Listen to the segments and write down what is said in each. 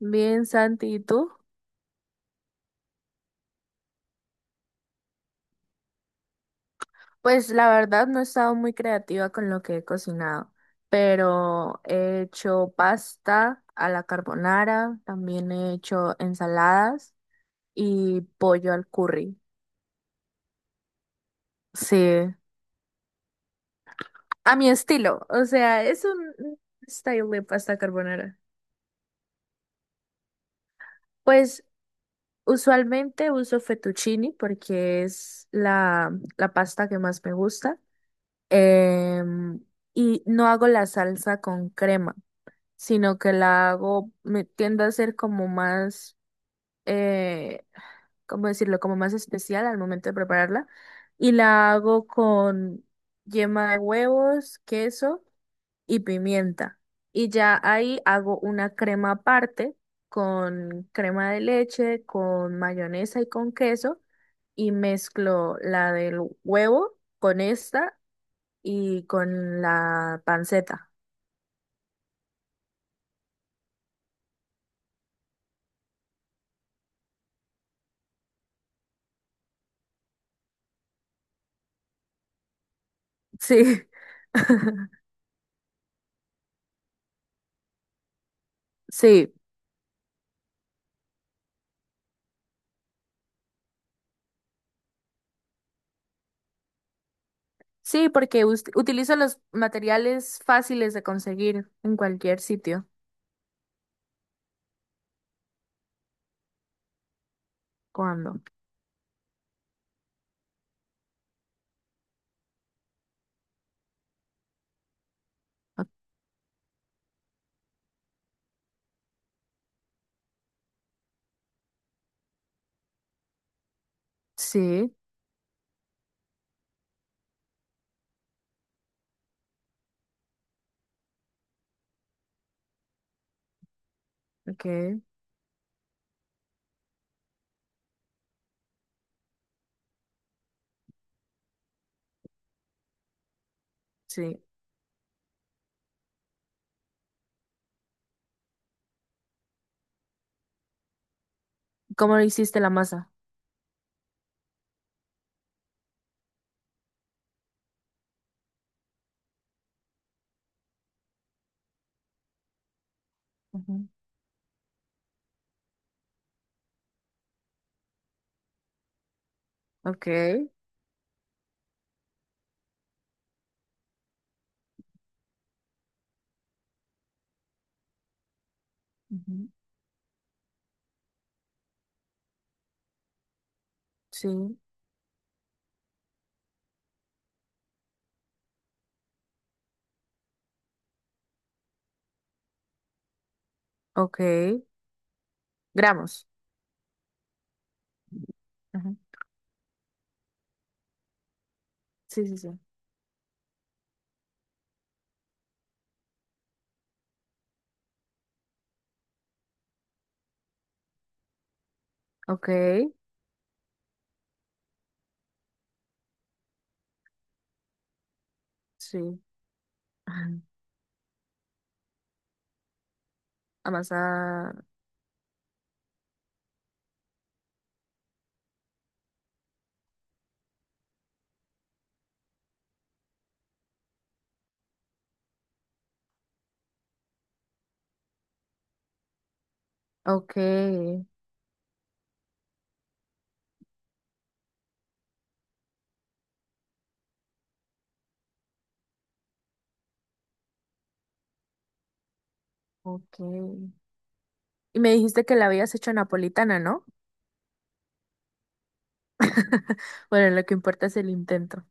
Bien, Santi, ¿y tú? Pues la verdad no he estado muy creativa con lo que he cocinado, pero he hecho pasta a la carbonara, también he hecho ensaladas y pollo al curry. Sí, a mi estilo, o sea, es un style de pasta carbonara. Pues usualmente uso fettuccini porque es la pasta que más me gusta. Em, y no hago la salsa con crema, sino que la hago, me tiendo a ser como más, eh, ¿cómo decirlo? Como más especial al momento de prepararla. Y la hago con yema de huevos, queso y pimienta. Y ya ahí hago una crema aparte con crema de leche, con mayonesa y con queso. Y mezclo la del huevo con esta y con la panceta. Sí. Sí, sí, porque utilizo los materiales fáciles de conseguir en cualquier sitio. ¿Cuándo? O- Sí, ok, sí. ¿Cómo hiciste la masa? Ujú. Ok. Ujú, sí, ok. Gramos. Ujú. Sí, sí, sí. Ok, sí. Ajá. Amasar. Ok, ok. Y me dijiste que la habías hecho napolitana, ¿no? Bueno, lo que importa es el intento.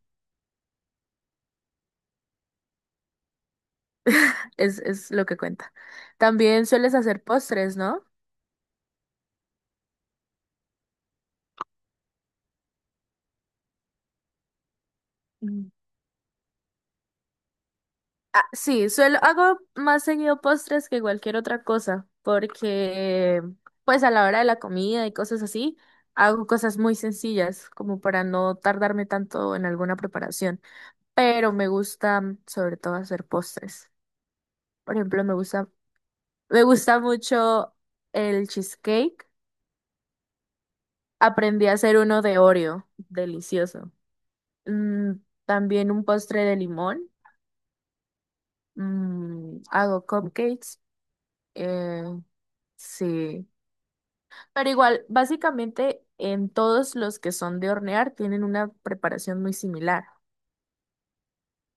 Es lo que cuenta. También sueles hacer postres, ¿no? Mm. Ah, sí, hago más seguido postres que cualquier otra cosa, porque pues a la hora de la comida y cosas así, hago cosas muy sencillas, como para no tardarme tanto en alguna preparación, pero me gusta sobre todo hacer postres. Por ejemplo, me gusta mucho el cheesecake. Aprendí a hacer uno de Oreo, delicioso. Mm, También un postre de limón. Hago cupcakes. Eh, sí. Pero igual, básicamente en todos los que son de hornear tienen una preparación muy similar.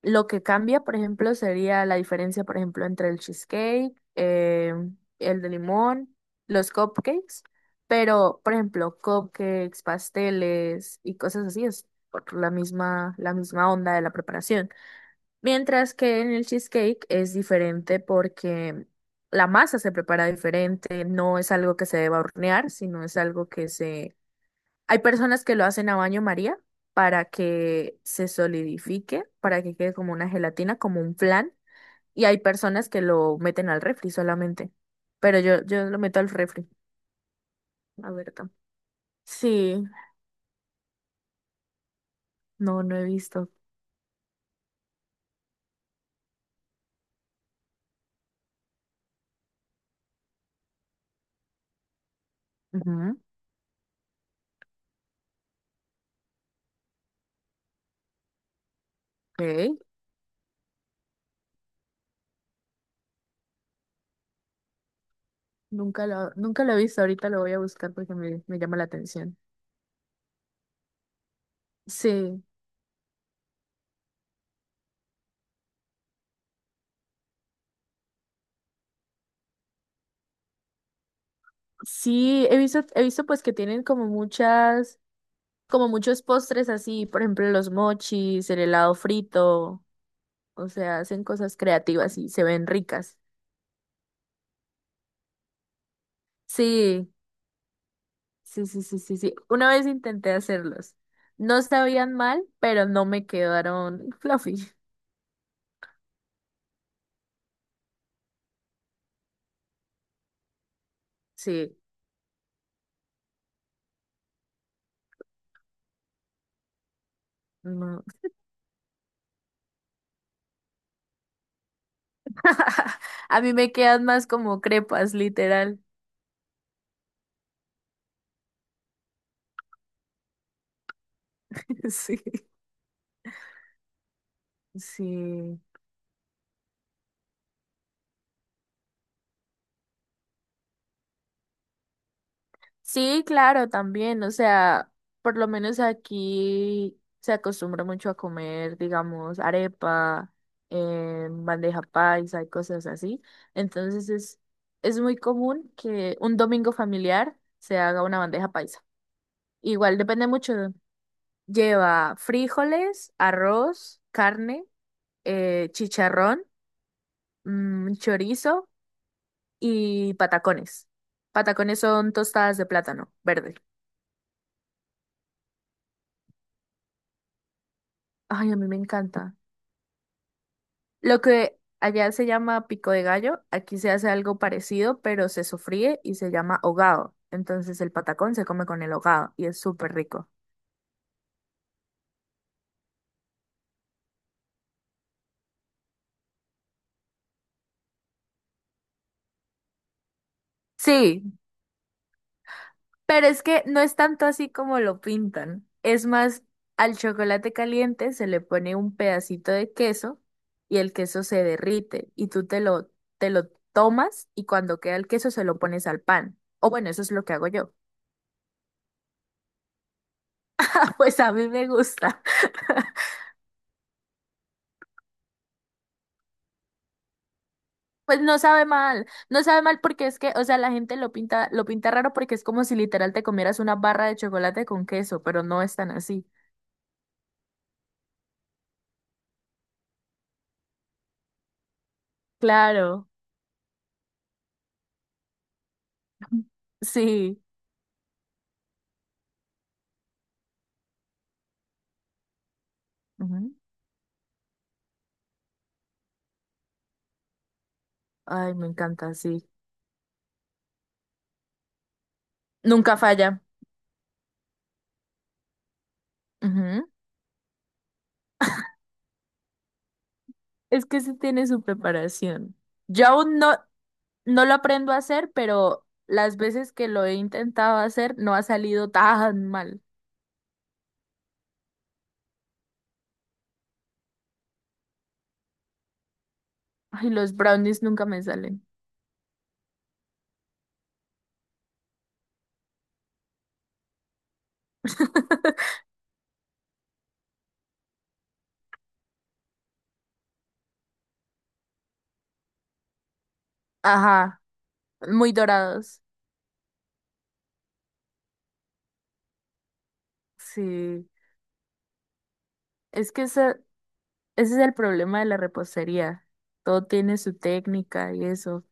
Lo que cambia, por ejemplo, sería la diferencia, por ejemplo, entre el cheesecake, el de limón, los cupcakes, pero, por ejemplo, cupcakes, pasteles y cosas así es por la misma onda de la preparación. Mientras que en el cheesecake es diferente porque la masa se prepara diferente, no es algo que se deba hornear, sino es algo que se hay personas que lo hacen a baño María para que se solidifique, para que quede como una gelatina, como un flan, y hay personas que lo meten al refri solamente. Pero yo lo meto al refri, a ver. Sí, no he visto. Ujú, ok. Nunca lo he visto, ahorita lo voy a buscar porque me llama la atención. Sí, sí, he visto pues que tienen como muchos postres así, por ejemplo, los mochis, el helado frito. O sea, hacen cosas creativas y se ven ricas. Sí, sí, sí, sí, sí, sí. Una vez intenté hacerlos. No sabían mal, pero no me quedaron fluffy. Sí, no. A mí me quedan más como crepas, literal. Sí, sí. Sí, claro, también, o sea, por lo menos aquí se acostumbra mucho a comer, digamos, arepa, bandeja paisa y cosas así. Entonces es muy común que un domingo familiar se haga una bandeja paisa. Igual depende mucho. Lleva frijoles, arroz, carne, chicharrón, chorizo y patacones. Patacones son tostadas de plátano verde. Ay, a mí me encanta. Lo que allá se llama pico de gallo, aquí se hace algo parecido, pero se sofríe y se llama hogado. Entonces el patacón se come con el hogado y es súper rico. Sí, pero es que no es tanto así como lo pintan. Es más, al chocolate caliente se le pone un pedacito de queso y el queso se derrite y tú te lo tomas y cuando queda el queso se lo pones al pan. O bueno, eso es lo que hago yo. Pues a mí me gusta. Pues no sabe mal, no sabe mal porque es que, o sea, la gente lo pinta raro porque es como si literal te comieras una barra de chocolate con queso, pero no es tan así. Claro, sí. Ujú. Ay, me encanta, sí. Nunca falla. Ujú. Es que sí tiene su preparación. Yo aún no, no lo aprendo a hacer, pero las veces que lo he intentado hacer no ha salido tan mal. Ay, los brownies nunca me salen. Ajá, muy dorados. Sí. Es que esa... Ese es el problema de la repostería. Todo tiene su técnica y eso.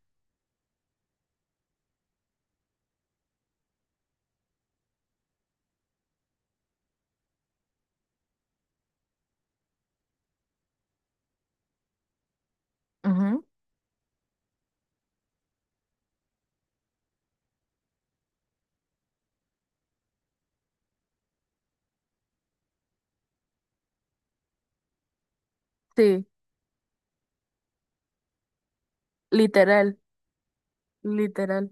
Ujú. Sí, literal, literal.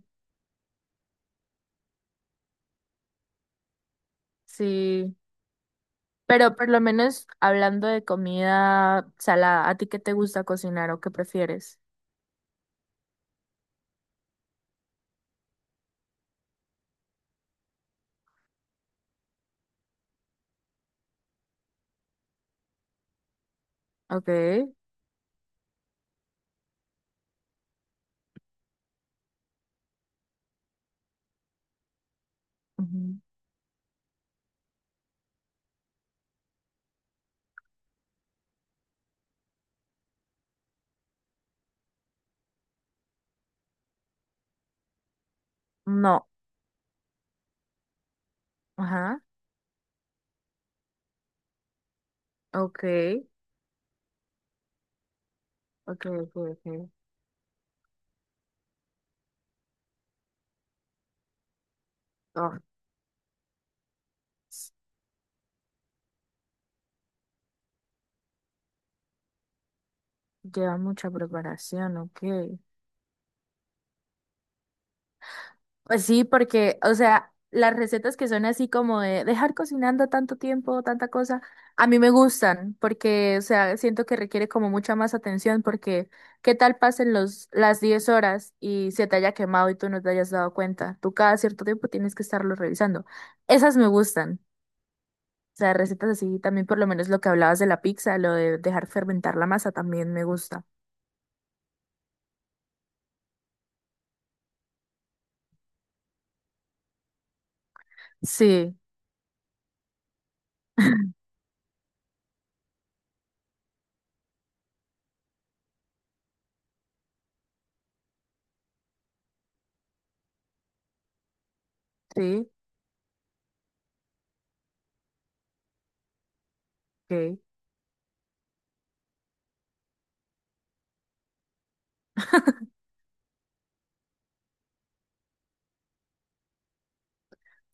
Sí. Pero por lo menos hablando de comida salada, ¿a ti qué te gusta cocinar o qué prefieres? Ok. Ujú. No. Ajá. Ok. Ok, ok, ok. Oh, s- lleva mucha preparación, ok. Pues sí, porque, o sea, las recetas que son así como de dejar cocinando tanto tiempo, tanta cosa, a mí me gustan, porque, o sea, siento que requiere como mucha más atención, porque ¿qué tal pasen las 10 horas y se te haya quemado y tú no te hayas dado cuenta? Tú cada cierto tiempo tienes que estarlo revisando. Esas me gustan. O sea, recetas así, también por lo menos lo que hablabas de la pizza, lo de dejar fermentar la masa también me gusta. Sí, sí, ok.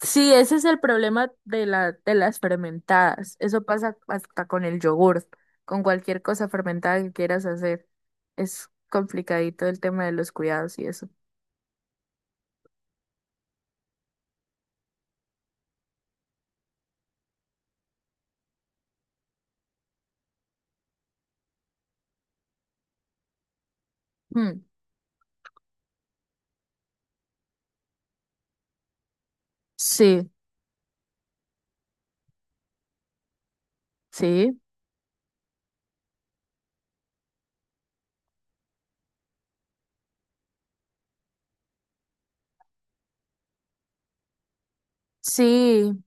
Sí, ese es el problema de de las fermentadas. Eso pasa hasta con el yogur, con cualquier cosa fermentada que quieras hacer. Es complicadito el tema de los cuidados y eso. Mm, Sí, sí, sí,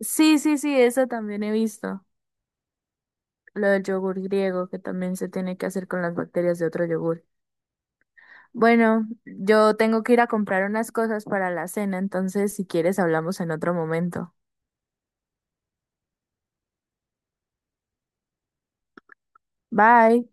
sí, sí, sí, eso también he visto. Lo del yogur griego, que también se tiene que hacer con las bacterias de otro yogur. Bueno, yo tengo que ir a comprar unas cosas para la cena. Entonces, si quieres, hablamos en otro momento. Bye.